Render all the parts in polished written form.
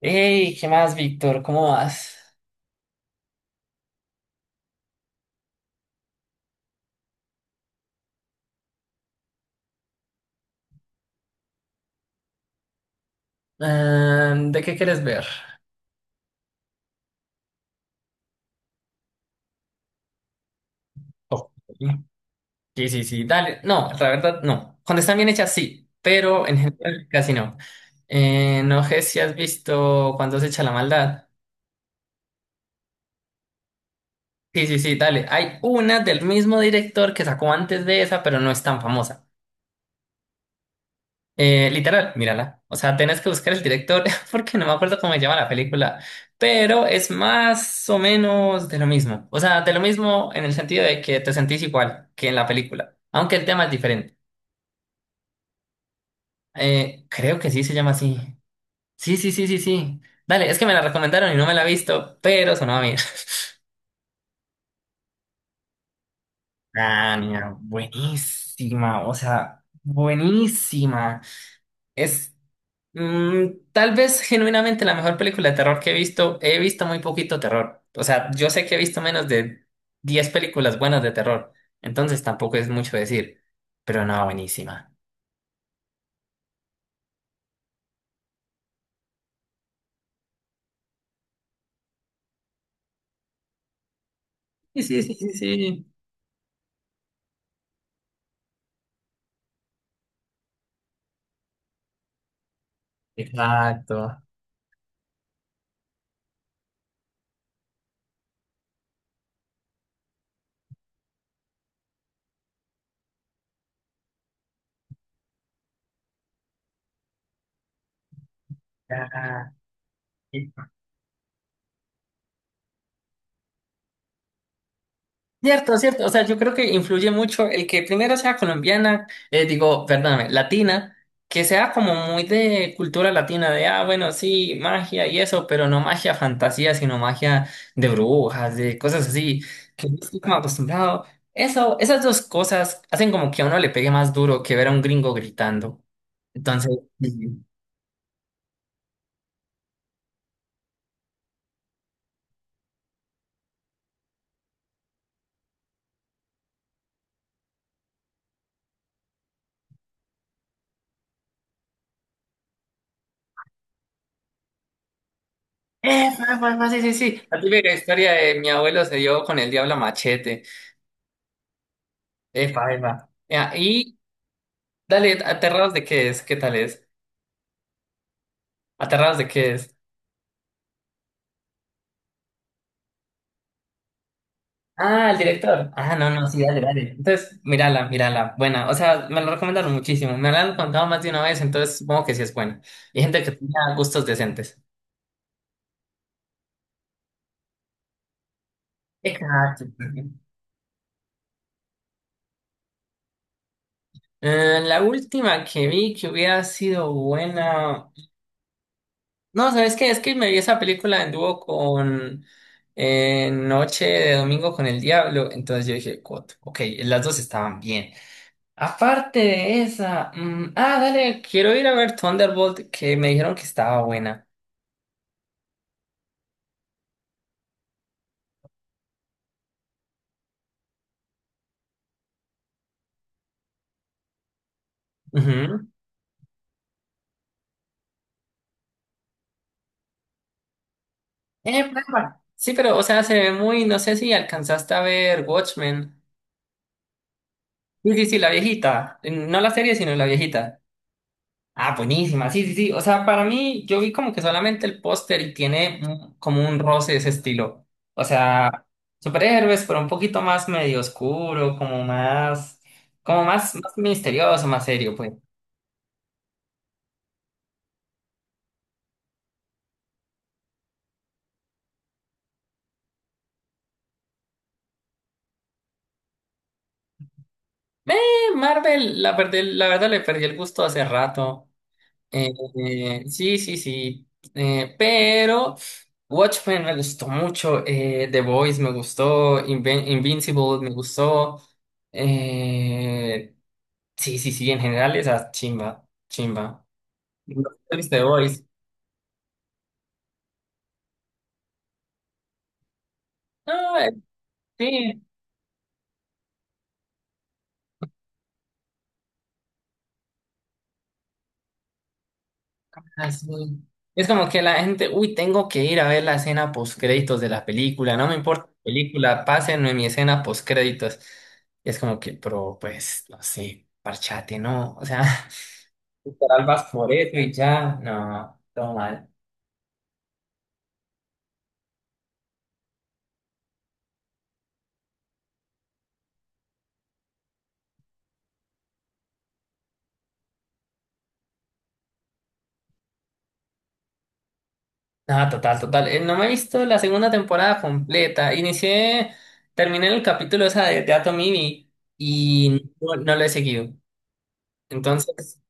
Hey, ¿qué más, Víctor? ¿Cómo vas? Ah, ¿de qué quieres ver? Ok. Sí, sí, sí, dale. No, la verdad, no. Cuando están bien hechas, sí, pero en general casi no. No sé si has visto Cuando se echa la maldad. Sí, sí, sí, dale. Hay una del mismo director que sacó antes de esa, pero no es tan famosa. Literal, mírala. O sea, tenés que buscar el director porque no me acuerdo cómo se llama la película, pero es más o menos de lo mismo. O sea, de lo mismo en el sentido de que te sentís igual que en la película, aunque el tema es diferente. Creo que sí se llama así. Sí, sí, sí, sí, sí. Dale, es que me la recomendaron y no me la he visto, pero sonaba bien. Ah, mira, buenísima, o sea, buenísima. Mm, tal vez genuinamente la mejor película de terror que he visto muy poquito terror. O sea, yo sé que he visto menos de 10 películas buenas de terror, entonces tampoco es mucho decir, pero no, buenísima. Sí, sí, sí, sí, sí. Exacto. Ah, cierto, cierto. O sea, yo creo que influye mucho el que primero sea colombiana, digo, perdóname, latina, que sea como muy de cultura latina, de, ah, bueno, sí, magia y eso, pero no magia fantasía, sino magia de brujas, de cosas así, que no estoy como acostumbrado. Eso, esas dos cosas hacen como que a uno le pegue más duro que ver a un gringo gritando. Entonces, sí, epa, epa, epa, sí, sí, sí. La típica historia de mi abuelo se dio con el diablo a machete. Epa, epa. Ya, y dale, ¿Aterrados de qué es? ¿Qué tal es? ¿Aterrados de qué es? Ah, el director. Ah, no, no, sí, dale, dale. Entonces, mírala, mírala. Buena. O sea, me lo recomendaron muchísimo. Me la han contado más de una vez, entonces supongo que sí es buena. Y gente que tenía gustos decentes. Exacto. La última que vi que hubiera sido buena. No, ¿sabes qué? Es que me vi esa película en dúo con Noche de Domingo con el Diablo. Entonces yo dije, "Cot, ok, las dos estaban bien. Aparte de esa, mm, ah, dale, quiero ir a ver Thunderbolt, que me dijeron que estaba buena. Ujú. Papá. Sí, pero, o sea, se ve muy, no sé si alcanzaste a ver Watchmen. Sí, sí, sí, la viejita. No la serie, sino la viejita. Ah, buenísima, sí, sí, sí. O sea, para mí, yo vi como que solamente el póster y tiene un- como un roce de ese estilo. O sea, superhéroes, pero un poquito más medio oscuro, como más, más misterioso, más serio, pues. Marvel, la, perdí- la verdad le perdí el gusto hace rato. Sí, sí, sí. Pero Watchmen me gustó mucho. The Boys me gustó. Invin- Invincible me gustó. eh, sí, sí, sí. En general, esa chimba, chimba. ¿No te ¿Viste The Boys? No, sí. Así. Es como que la gente, uy, tengo que ir a ver la escena postcréditos de la película, no me importa la película, pásenme mi escena postcréditos. Y es como que, pero pues, no sé, parchate, ¿no? O sea, literal vas por eso y ya, no, todo mal. No, total, total. No me he visto la segunda temporada completa. Inicié, terminé el capítulo esa de Atom Ivy y no, no lo he seguido. Entonces.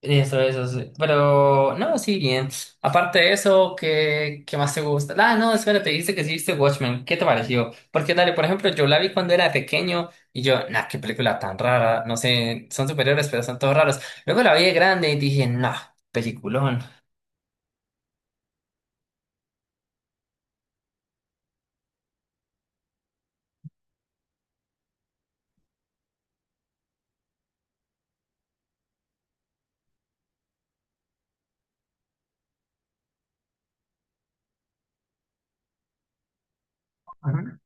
Eso, sí. Pero, no, sí, bien. Aparte de eso, ¿qué, qué más te gusta? Ah, no, espérate, dijiste que sí viste Watchmen. ¿Qué te pareció? Porque, dale, por ejemplo, yo la vi cuando era pequeño y yo, nah, qué película tan rara. No sé, son superiores, pero son todos raros. Luego la vi de grande y dije, nah, peliculón. Ajá.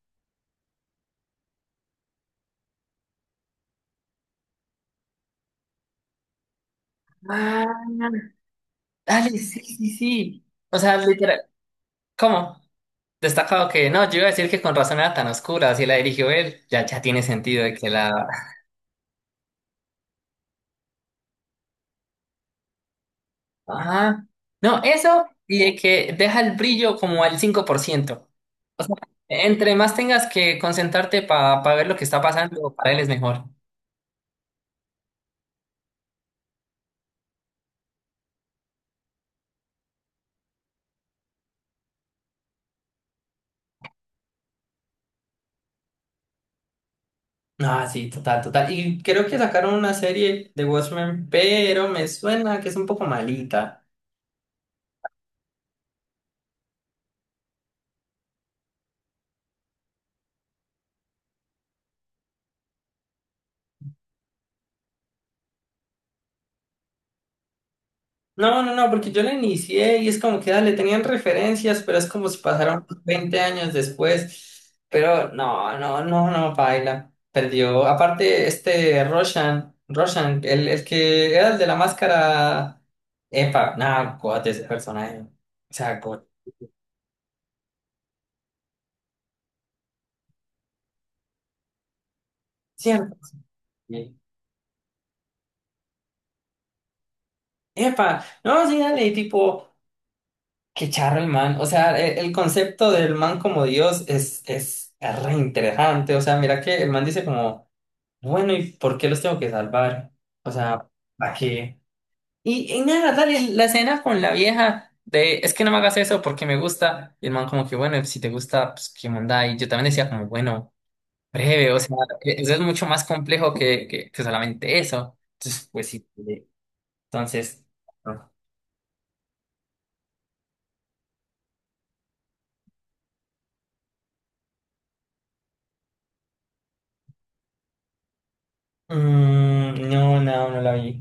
Ah, dale, sí, sí, sí. O sea, literal, ¿cómo? Destacado que, no, yo iba a decir que con razón era tan oscura, así la dirigió él. Ya, ya tiene sentido de que la ajá. No, eso y de que deja el brillo como al 5%. O sea, entre más tengas que concentrarte para ver lo que está pasando, para él es mejor. Ah, sí, total, total. Y creo que sacaron una serie de Watchmen, pero me suena que es un poco malita. No, no, no, porque yo la inicié y es como que le tenían referencias, pero es como si pasaron 20 años después. Pero no, no, no, no, baila. Perdió. Aparte, este Roshan, Roshan, el que era el de la máscara. Epa, nada, God, ese personaje. O sea, God, siempre. Sí. Epa, no, sí, dale, tipo, qué charro el man. O sea, el concepto del man como Dios es re interesante. O sea, mira que el man dice como. Bueno, ¿y por qué los tengo que salvar? O sea, ¿para qué? Y nada, dale, la escena con la vieja de, es que no me hagas eso porque me gusta. Y el man como que, bueno, si te gusta, pues qué onda. Y yo también decía como, bueno, breve, o sea, eso es mucho más complejo que solamente eso. Entonces, pues sí. Sí. Entonces, no, mm, no, no, no la vi.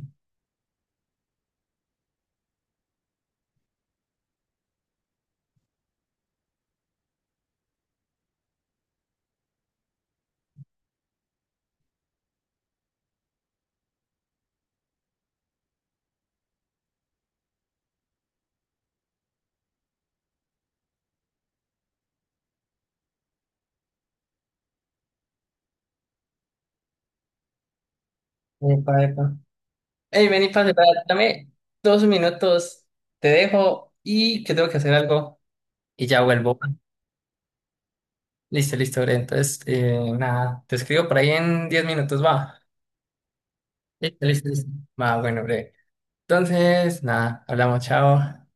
Epa, epa. Hey, vení, pase, para- dame 2 minutos, te dejo y que tengo que hacer algo y ya vuelvo. Listo, listo, Bren. Entonces, nada, te escribo por ahí en 10 minutos, va. Listo, listo, listo. Va, bueno, breve. Entonces, nada, hablamos, chao.